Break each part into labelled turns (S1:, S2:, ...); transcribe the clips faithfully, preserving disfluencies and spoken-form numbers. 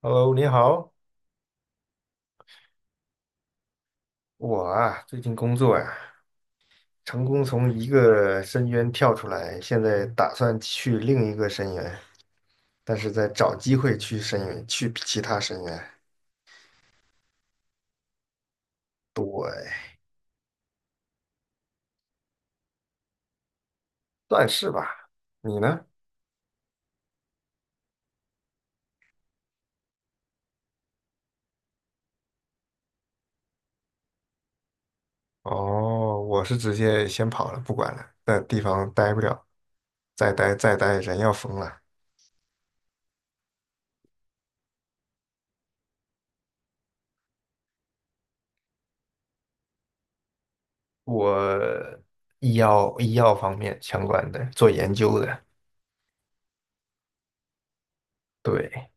S1: Hello，你好，我啊，最近工作呀，成功从一个深渊跳出来，现在打算去另一个深渊，但是在找机会去深渊，去其他深渊，算是吧。你呢？哦，我是直接先跑了，不管了，在地方待不了，再待再待人要疯了。我医药医药方面相关的，做研究的，对，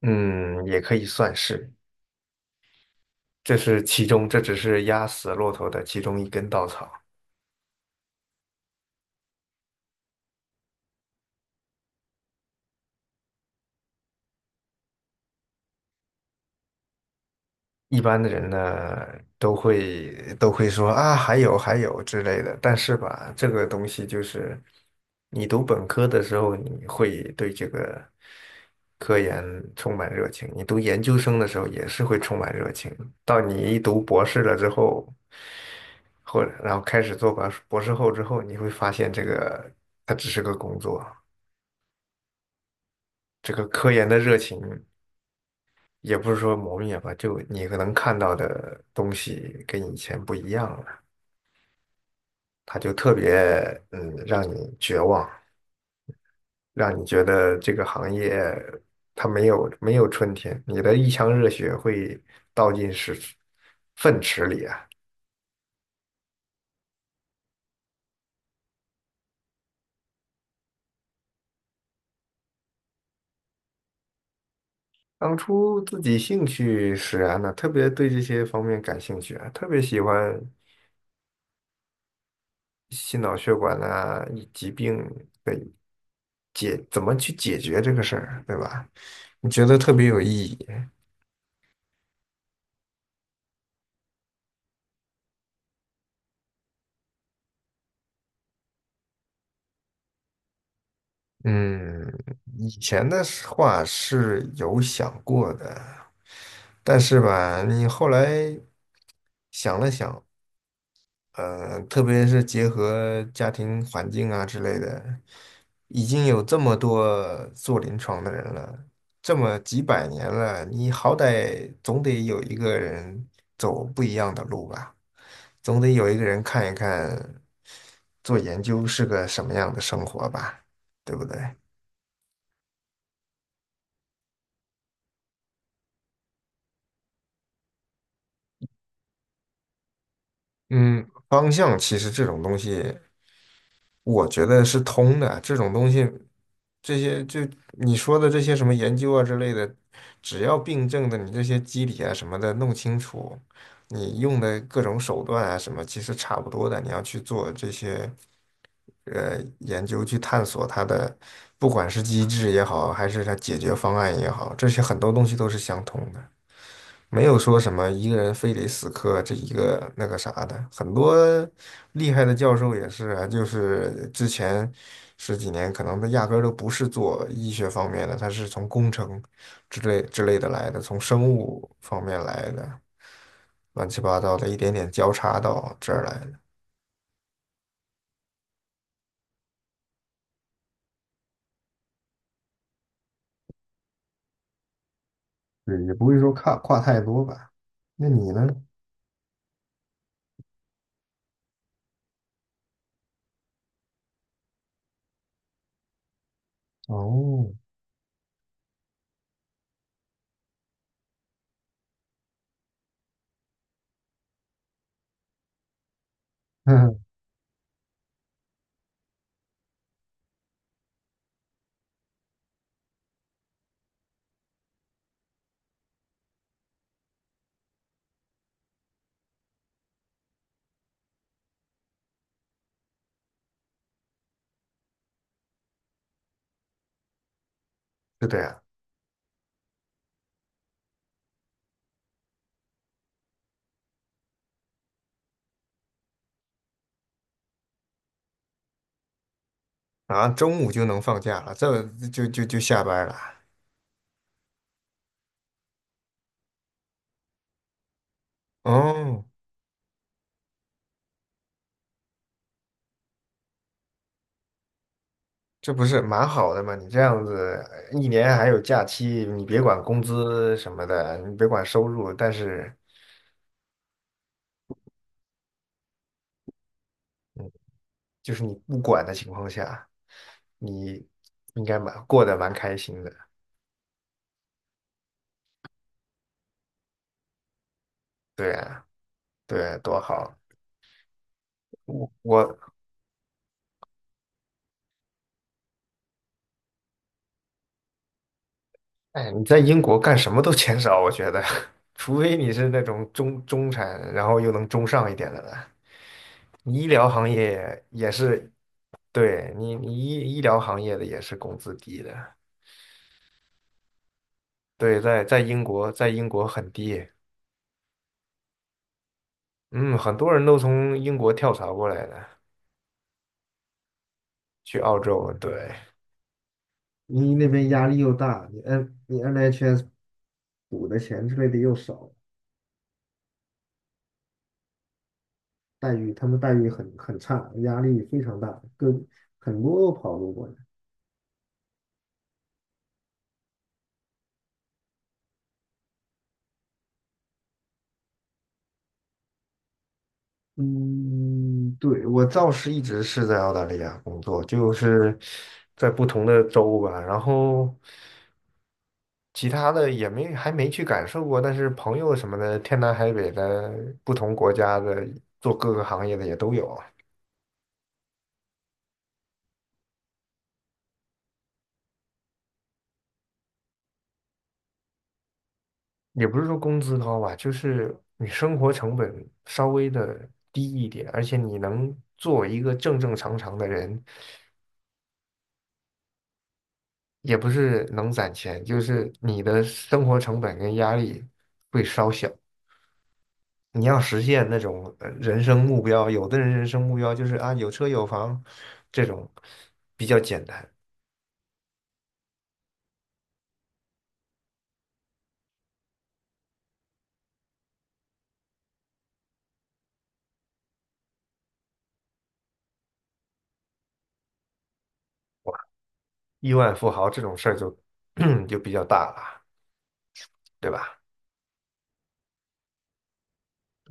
S1: 嗯，也可以算是。这是其中，这只是压死骆驼的其中一根稻草。一般的人呢，都会都会说啊，还有还有之类的。但是吧，这个东西就是你读本科的时候，你会对这个科研充满热情；你读研究生的时候也是会充满热情。到你一读博士了之后，或然后开始做博士博士后之后，你会发现这个它只是个工作。这个科研的热情。也不是说磨灭吧，就你可能看到的东西跟以前不一样了，它就特别嗯，让你绝望，让你觉得这个行业它没有没有春天，你的一腔热血会倒进屎粪池里啊。当初自己兴趣使然呢，特别对这些方面感兴趣啊，特别喜欢心脑血管啊、以疾病的解，怎么去解决这个事儿，对吧？你觉得特别有意义。嗯，以前的是话是有想过的，但是吧，你后来想了想，呃，特别是结合家庭环境啊之类的，已经有这么多做临床的人了，这么几百年了，你好歹总得有一个人走不一样的路吧，总得有一个人看一看做研究是个什么样的生活吧，对不对？嗯，方向其实这种东西，我觉得是通的。这种东西，这些就你说的这些什么研究啊之类的，只要病症的你这些机理啊什么的弄清楚，你用的各种手段啊什么，其实差不多的。你要去做这些呃研究，去探索它的，不管是机制也好，还是它解决方案也好，这些很多东西都是相通的。没有说什么一个人非得死磕这一个那个啥的，很多厉害的教授也是啊，就是之前十几年可能他压根儿都不是做医学方面的，他是从工程之类之类的来的，从生物方面来的，乱七八糟的一点点交叉到这儿来的，对，也不会说跨跨太多吧。那你呢？哦，是这样啊，中午就能放假了，这就就就下班了。哦，这不是蛮好的吗？你这样子一年还有假期，你别管工资什么的，你别管收入，但是，嗯就是你不管的情况下，你应该蛮过得蛮开心的。对啊，对啊，多好！我我，哎，你在英国干什么都钱少，我觉得，除非你是那种中中产，然后又能中上一点的了。你医疗行业也是，对你，你医医疗行业的也是工资低的。对，在在英国，在英国很低，嗯，很多人都从英国跳槽过来的，去澳洲，对。你那边压力又大，你 N 你 N H S 补的钱之类的又少，待遇他们待遇很很差，压力非常大，跟很多跑路过来。嗯，对，我倒是一直是在澳大利亚工作，就是在不同的州吧。然后其他的也没还没去感受过，但是朋友什么的，天南海北的，不同国家的，做各个行业的也都有啊，也不是说工资高吧，就是你生活成本稍微的低一点，而且你能做一个正正常常的人，也不是能攒钱，就是你的生活成本跟压力会稍小。你要实现那种呃人生目标，有的人人生目标就是啊有车有房，这种比较简单。亿万富豪这种事儿就 就比较大了，对吧？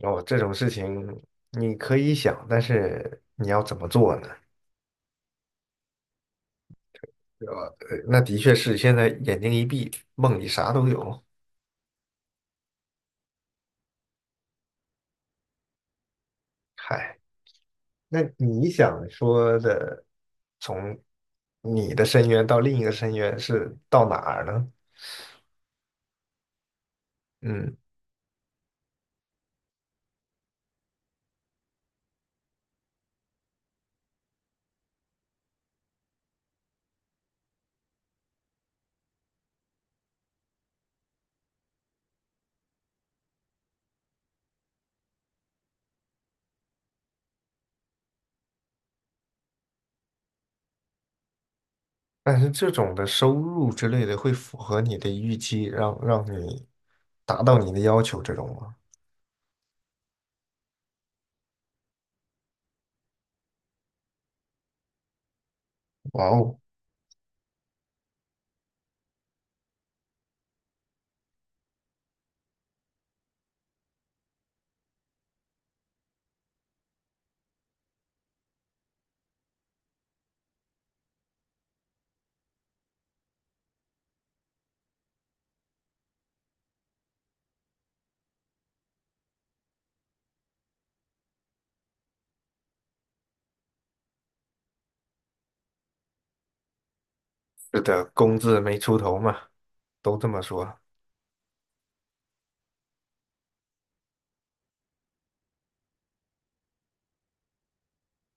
S1: 哦，这种事情你可以想，但是你要怎么做呢？对吧？呃那的确是现在眼睛一闭，梦里啥都有。嗨，那你想说的，从你的深渊到另一个深渊是到哪儿呢？嗯，但是这种的收入之类的会符合你的预期，让让你达到你的要求这种吗？哇哦，是的，工字没出头嘛，都这么说。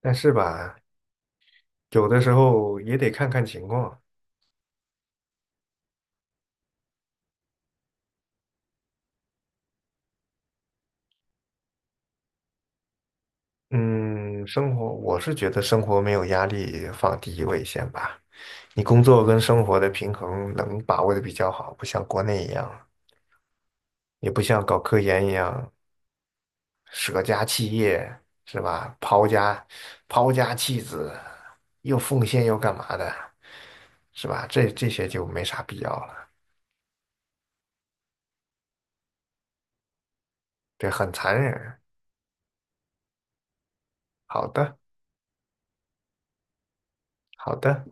S1: 但是吧，有的时候也得看看情况。嗯，生活，我是觉得生活没有压力放第一位先吧。你工作跟生活的平衡能把握的比较好，不像国内一样，也不像搞科研一样舍家弃业，是吧？抛家抛家弃子，又奉献又干嘛的，是吧？这这些就没啥必要了，对，很残忍。好的，好的。